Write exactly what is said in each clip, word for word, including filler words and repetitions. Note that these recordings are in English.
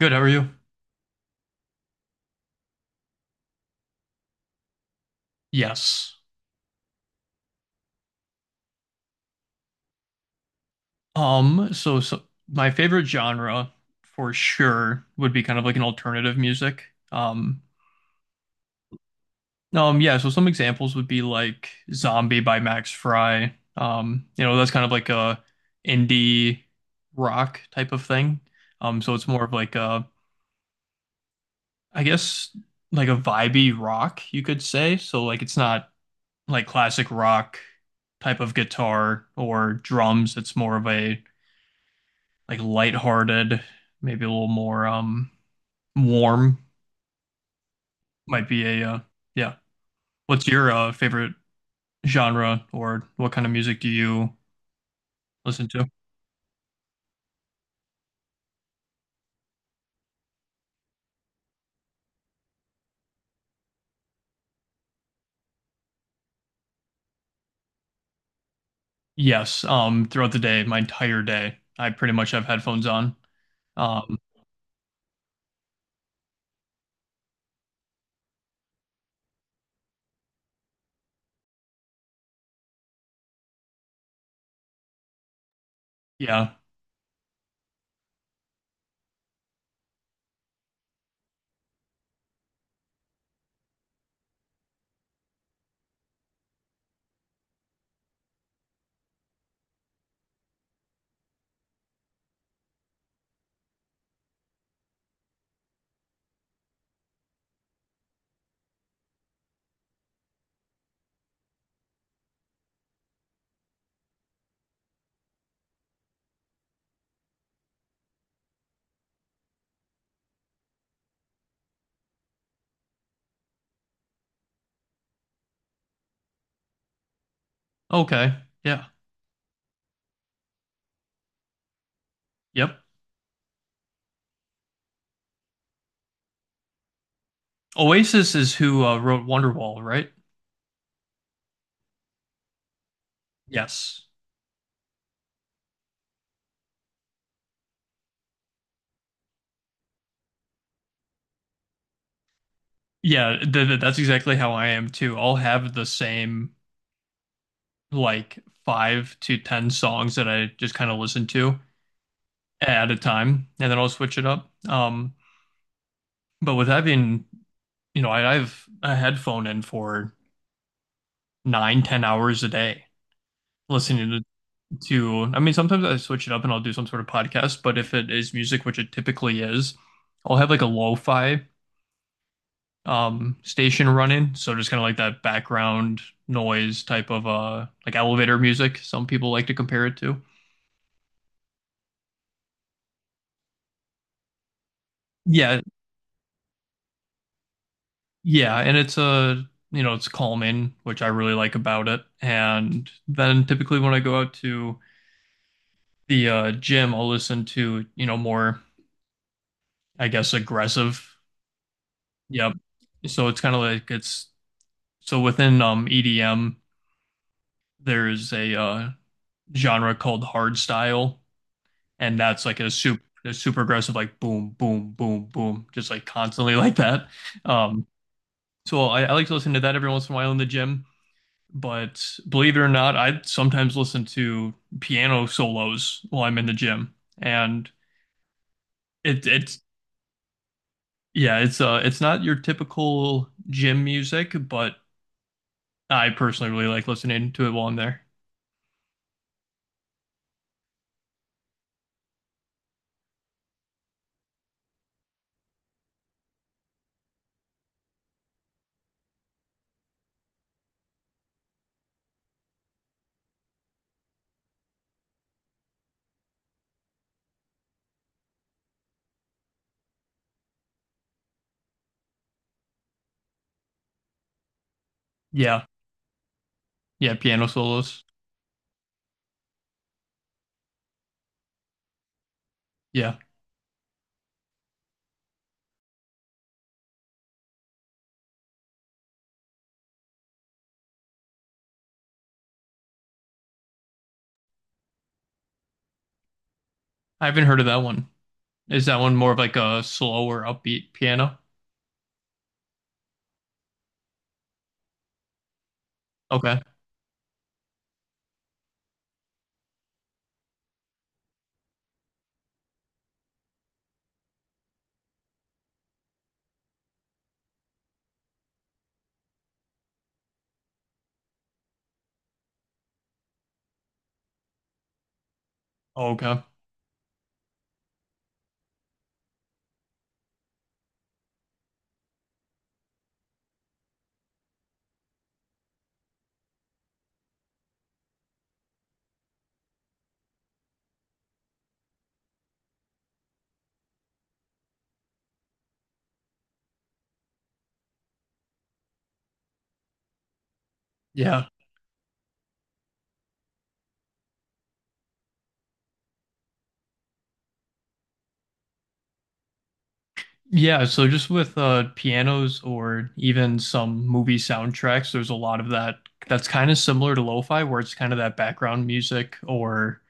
Good, how are you? Yes. Um, so, so my favorite genre for sure would be kind of like an alternative music. Um, um, yeah, so some examples would be like Zombie by Max Fry. Um, you know, that's kind of like a indie rock type of thing. Um, so it's more of like a, I guess like a vibey rock, you could say. So like it's not like classic rock type of guitar or drums. It's more of a like lighthearted, maybe a little more um warm might be a uh, yeah. What's your uh, favorite genre or what kind of music do you listen to? Yes, um throughout the day, my entire day, I pretty much have headphones on. Um yeah. Okay. Yeah. Yep. Oasis is who uh, wrote Wonderwall, right? Yes. Yeah, th th- that's exactly how I am too. I'll have the same like five to ten songs that I just kind of listen to, at a time, and then I'll switch it up. Um, but with having, you know, I, I've a headphone in for nine, ten hours a day listening to, to. I mean, sometimes I switch it up and I'll do some sort of podcast, but if it is music, which it typically is, I'll have like a lo-fi um station running, so just kind of like that background noise type of uh like elevator music. Some people like to compare it to. Yeah, Yeah, and it's a, you know, it's calming, which I really like about it. And then typically when I go out to the uh, gym, I'll listen to, you know, more, I guess, aggressive. Yep. So it's kind of like it's so within um E D M, there's a uh, genre called hard style, and that's like a super a super aggressive, like boom, boom, boom, boom, just like constantly like that. Um, so I, I like to listen to that every once in a while in the gym. But believe it or not, I sometimes listen to piano solos while I'm in the gym. And it it's yeah, it's uh it's not your typical gym music, but I personally really like listening to it while I'm there. Yeah. Yeah, piano solos. Yeah. I haven't heard of that one. Is that one more of like a slower upbeat piano? Okay. Okay. Yeah. Yeah, so just with uh pianos or even some movie soundtracks, there's a lot of that that's kind of similar to lo-fi where it's kind of that background music or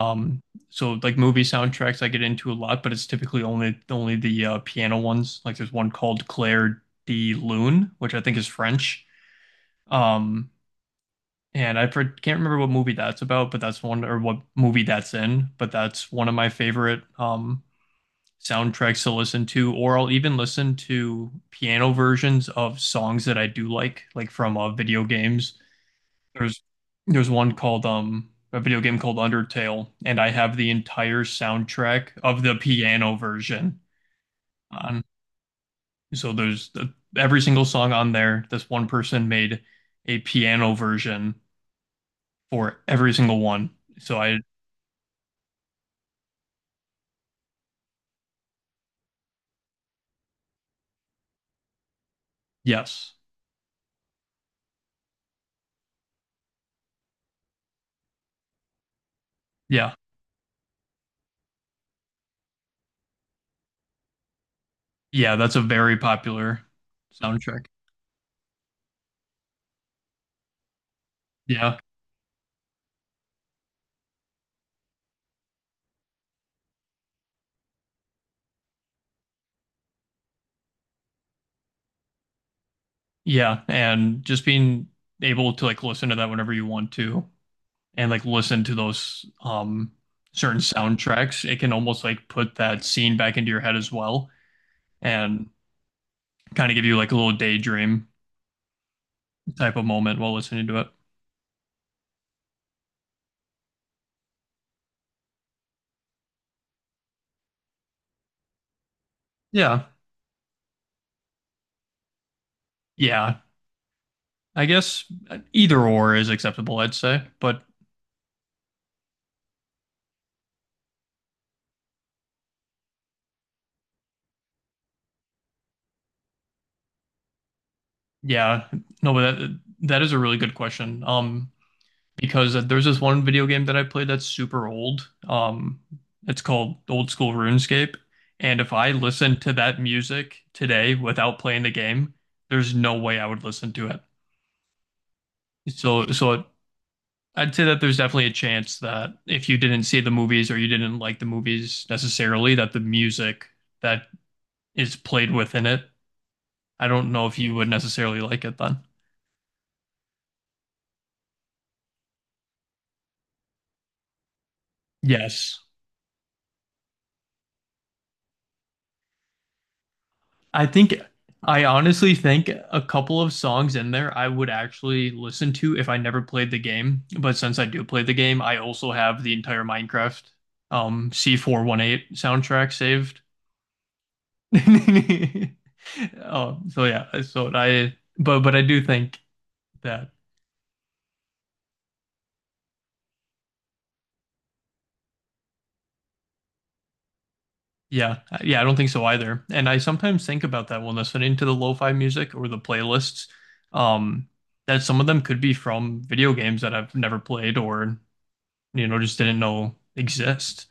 um so like movie soundtracks I get into a lot, but it's typically only only the uh, piano ones. Like there's one called Claire de Lune, which I think is French. Um and I for- can't remember what movie that's about, but that's one or what movie that's in, but that's one of my favorite um soundtracks to listen to, or I'll even listen to piano versions of songs that I do like, like from uh, video games. There's there's one called um a video game called Undertale, and I have the entire soundtrack of the piano version on. So there's the, every single song on there. This one person made a piano version for every single one. So I yes, yeah, yeah. That's a very popular soundtrack. Yeah. Yeah, and just being able to like listen to that whenever you want to and like listen to those um certain soundtracks, it can almost like put that scene back into your head as well and kind of give you like a little daydream type of moment while listening to it. Yeah. Yeah. I guess either or is acceptable, I'd say. But yeah, no, but that that is a really good question. Um because uh, there's this one video game that I played that's super old. Um, it's called Old School RuneScape. And if I listened to that music today without playing the game, there's no way I would listen to it. So, so it, I'd say that there's definitely a chance that if you didn't see the movies or you didn't like the movies necessarily, that the music that is played within it, I don't know if you would necessarily like it then. Yes. I think I honestly think a couple of songs in there I would actually listen to if I never played the game. But since I do play the game, I also have the entire Minecraft um C four eighteen soundtrack saved. Oh, so yeah, so I but but I do think that yeah, yeah, I don't think so either. And I sometimes think about that when listening to the lo-fi music or the playlists. Um that some of them could be from video games that I've never played or you know, just didn't know exist.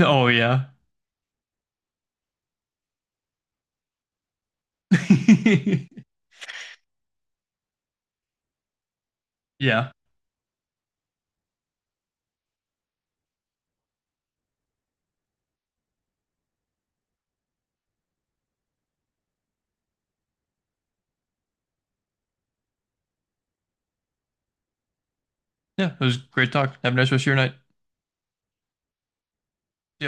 Oh yeah. yeah. Yeah. It was great talk. Have a nice rest of your night. Yep.